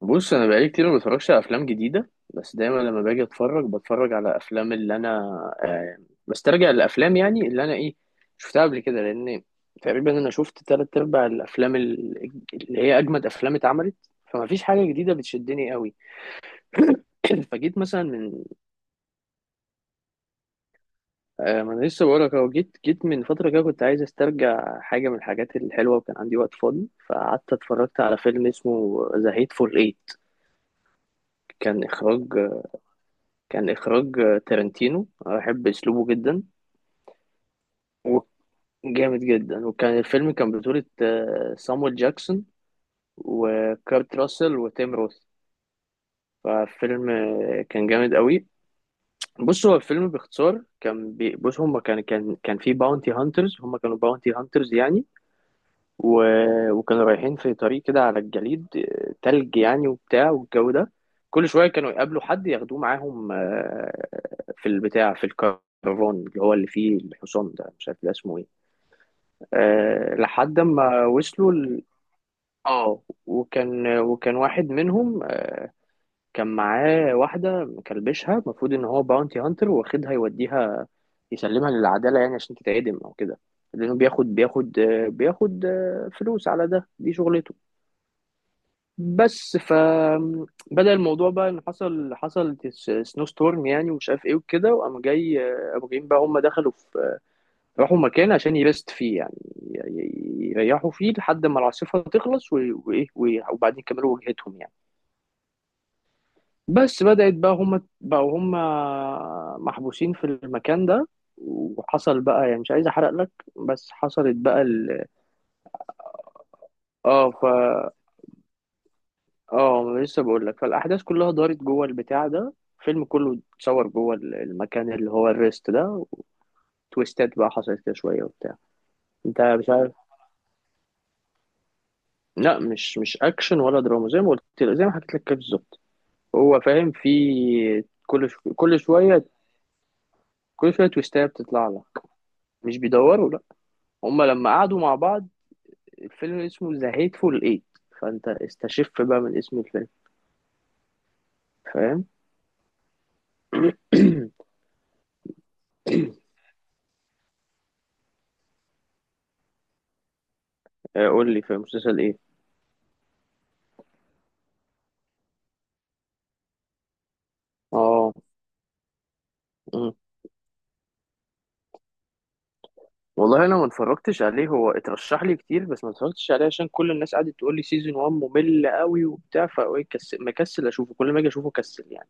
بص انا بقالي كتير ما بتفرجش على افلام جديده بس دايما لما باجي اتفرج بتفرج على افلام اللي انا آه، بسترجع الافلام يعني اللي انا ايه شفتها قبل كده لان تقريبا انا شفت تلات ارباع الافلام اللي هي اجمد افلام اتعملت فما فيش حاجه جديده بتشدني قوي. فجيت مثلا من ما انا لسه بقول لك اهو جيت من فتره كده كنت عايز استرجع حاجه من الحاجات الحلوه وكان عندي وقت فاضي فقعدت اتفرجت على فيلم اسمه ذا هيت فور ايت. كان اخراج كان إخراج تارنتينو، أحب أسلوبه جدا وجامد جدا، وكان الفيلم كان بطولة سامويل جاكسون وكارت راسل وتيم روث. ففيلم كان جامد قوي. بص هو الفيلم باختصار بص هما كان في باونتي هانترز، هما كانوا باونتي هانترز يعني، و... وكانوا رايحين في طريق كده على الجليد، تلج يعني وبتاع والجو ده. كل شوية كانوا يقابلوا حد ياخدوه معاهم، في البتاع في الكرفان اللي هو اللي فيه الحصان ده، مش عارف ده اسمه ايه، لحد ما وصلوا ال... اه، وكان واحد منهم كان معاه واحدة مكلبشها، المفروض ان هو باونتي هانتر واخدها يوديها يسلمها للعدالة يعني عشان تتعدم او كده، لانه بياخد فلوس على ده، دي شغلته. بس فبدأ الموضوع بقى ان حصل سنو ستورم يعني ومش عارف ايه وكده، وقام جاي، قاموا جايين بقى، هم دخلوا في، راحوا مكان عشان يرست فيه يعني، يريحوا فيه لحد ما العاصفة تخلص وايه وبعدين يكملوا وجهتهم يعني. بس بدأت بقى، هم بقوا هم محبوسين في المكان ده، وحصل بقى يعني، مش عايز احرق لك، بس حصلت بقى ال... اه اه، ما أنا لسه بقول لك، فالاحداث كلها دارت جوه البتاع ده، الفيلم كله اتصور جوه المكان اللي هو الريست ده، وتويستات بقى حصلت كده شويه وبتاع. انت مش عارف، لا، مش اكشن ولا دراما، زي ما قلت لك زي ما حكيت لك كده بالظبط، هو فاهم في كل شويه، كل شويه تويستات بتطلع لك. مش بيدوروا لا، هما لما قعدوا مع بعض، الفيلم اسمه ذا هيتفول ايت، فانت استشف بقى من اسم الفيلم فاهم. قول لي في مسلسل ايه؟ اه، والله انا ما اتفرجتش عليه، هو اترشح لي كتير بس ما اتفرجتش عليه عشان كل الناس قعدت تقول لي سيزون 1 ممل قوي وبتاع، فكسل مكسل اشوفه، كل ما اجي اشوفه كسل يعني.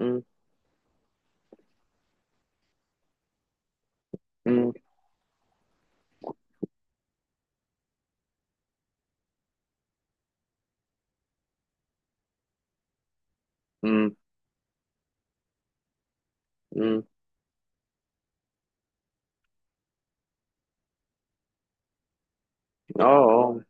امم. امم. امم. امم. اه. اه.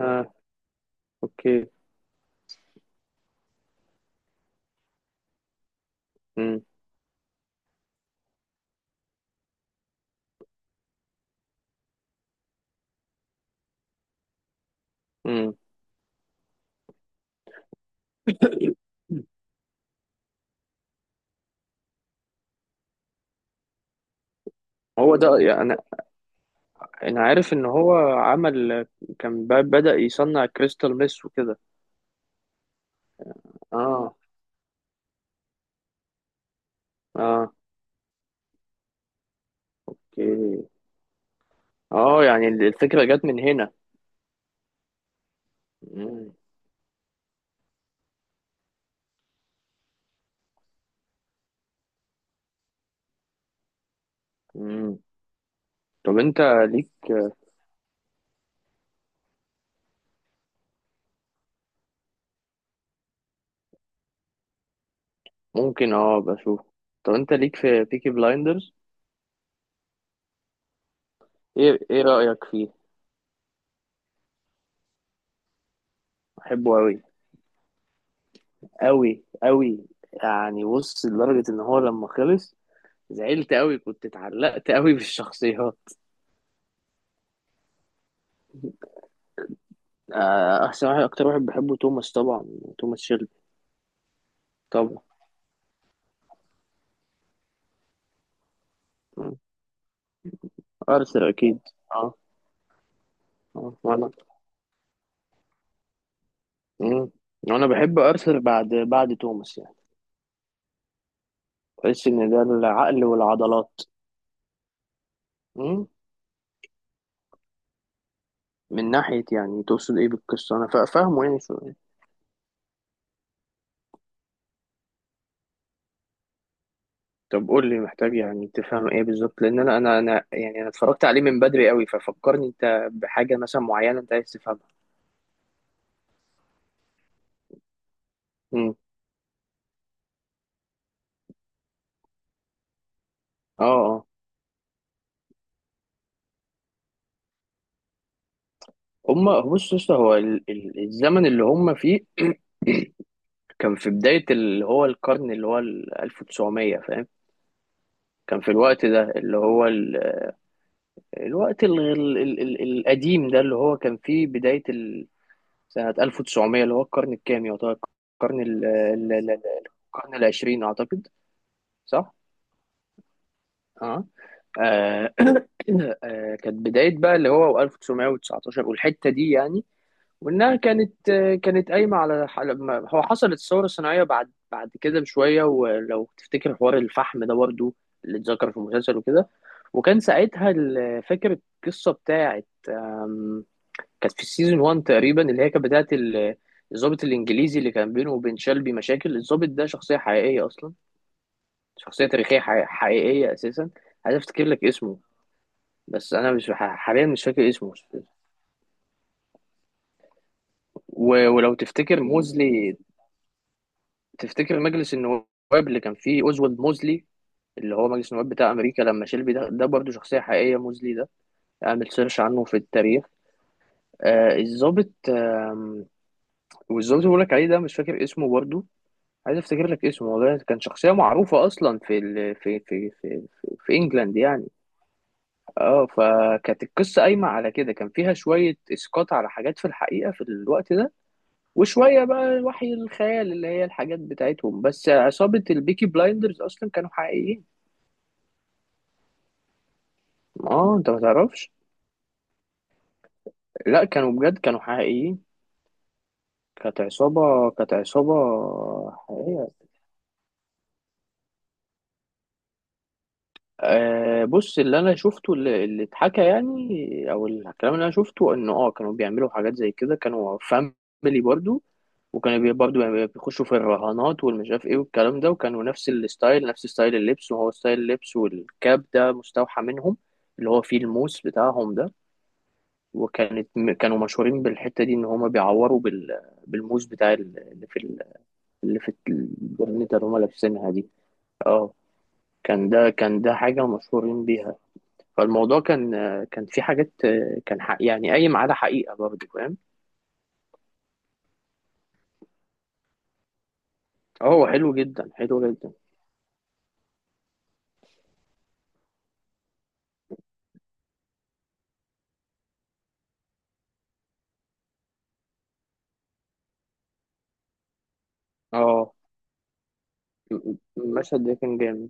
اه. اوكي. امم. امم. هو ده يعني، انا انا عارف ان هو عمل، كان بدأ يصنع كريستال ميس وكده. اه. اه. اوكي. اه، يعني الفكرة جت من هنا. مم. مم. طب انت ليك؟ ممكن اه بشوف. طب انت ليك في بيكي بلايندرز؟ ايه ايه رأيك فيه؟ بحبه قوي، قوي قوي، يعني بص لدرجة ان هو لما خلص زعلت قوي، كنت اتعلقت قوي بالشخصيات. احسن واحد، اكتر واحد بحبه توماس طبعا، توماس شيلبي. طبعا. مم. ارثر اكيد. اه. اه وانا. مم. وانا بحب ارثر بعد توماس يعني، بحس ان ده العقل والعضلات. مم. من ناحية يعني، تقصد ايه بالقصة؟ انا فاهمه يعني. طب قول لي، محتاج يعني تفهم ايه بالظبط؟ لان انا يعني انا اتفرجت عليه من بدري قوي، ففكرني انت بحاجه مثلا معينه انت عايز تفهمها. امم. اه اه. هما بص يا اسطى، هو الزمن اللي هما فيه كان في بدايه اللي هو القرن اللي هو ال 1900 فاهم. كان في الوقت ده اللي هو ال- الوقت ال- ال- ال- ال- القديم ده اللي هو كان فيه بدايه ال-، سنه 1900، اللي هو القرن الكام يعتبر؟ القرن القرن العشرين اعتقد. صح. اه. آه، كانت بداية بقى اللي هو 1919 والحتة دي يعني، وإنها كانت كانت قايمة على لما هو حصلت الثورة الصناعية بعد كده بشوية، ولو تفتكر حوار الفحم ده برضو اللي اتذكر في المسلسل وكده. وكان ساعتها ال- فاكر القصة بتاعت آم، كانت في السيزون 1 تقريبا، اللي هي كانت بتاعت ال-، الضابط الإنجليزي اللي كان بينه وبين شلبي مشاكل، الضابط ده شخصية حقيقية أصلا، شخصية تاريخية حقيقية أساسا، عايز أفتكر لك اسمه، بس انا مش حاليا مش فاكر اسمه. ولو تفتكر موزلي، تفتكر مجلس النواب اللي كان فيه اوزولد موزلي، اللي هو مجلس النواب بتاع امريكا، لما شيلبي ده برضه شخصيه حقيقيه موزلي ده، اعمل سيرش عنه في التاريخ. آه الضابط والظابط اللي بقول لك عليه ده مش فاكر اسمه برضه، عايز افتكر لك اسمه والله، كان شخصيه معروفه اصلا في ال... في في في في, في انجلاند يعني. اه، فكانت القصه قايمه على كده، كان فيها شويه اسقاط على حاجات في الحقيقه في الوقت ده، وشوية بقى وحي الخيال اللي هي الحاجات بتاعتهم، بس عصابة البيكي بلايندرز أصلا كانوا حقيقيين. اه انت ما تعرفش، لا كانوا بجد كانوا حقيقيين، كانت عصابة حقيقية. آه بص، اللي انا شفته، اللي اتحكى يعني، او الكلام اللي انا شفته انه اه، كانوا بيعملوا حاجات زي كده، كانوا فاميلي برضو، وكانوا بيخشوا في الرهانات والمش عارف ايه والكلام ده، وكانوا نفس الستايل، نفس ستايل اللبس، وهو ستايل اللبس والكاب ده مستوحى منهم، اللي هو فيه الموس بتاعهم ده. وكانت كانوا مشهورين بالحتة دي، ان هما بيعوروا بال... بالموس بتاع اللي في ال... اللي في البرنيتا اللي هما لابسينها دي. اه، كان ده حاجة مشهورين بيها. فالموضوع كان، كان في حاجات، كان حق يعني قايم على حقيقة برضه فاهم. اه هو حلو جدا حلو جدا. اه. المشهد ده كان جامد.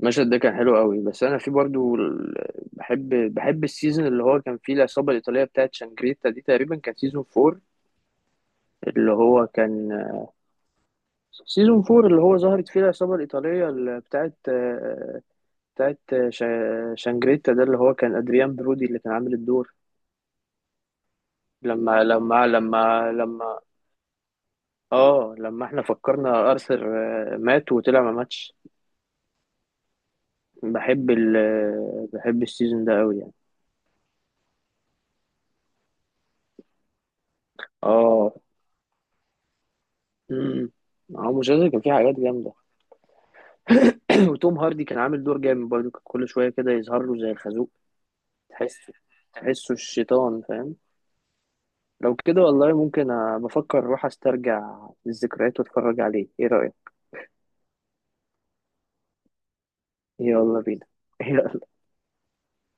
المشهد ده كان حلو قوي، بس انا في برضو بحب، بحب السيزون اللي هو كان فيه العصابه الايطاليه بتاعت شانجريتا دي، تقريبا كان سيزون 4، اللي هو ظهرت فيه العصابه الايطاليه اللي بتاعت بتاعت شانجريتا ده، اللي هو كان ادريان برودي اللي كان عامل الدور. لما اه، لما احنا فكرنا ارثر مات وطلع ما ماتش. بحب ال بحب السيزون ده قوي يعني. اه. امم. هو المسلسل كان فيه حاجات جامده. وتوم هاردي كان عامل دور جامد برضه، كان كل شوية كده يظهر له زي الخازوق، تحسه، تحسه الشيطان فاهم. لو كده والله ممكن بفكر أروح أسترجع الذكريات وأتفرج عليه، إيه رأيك؟ يلا بينا.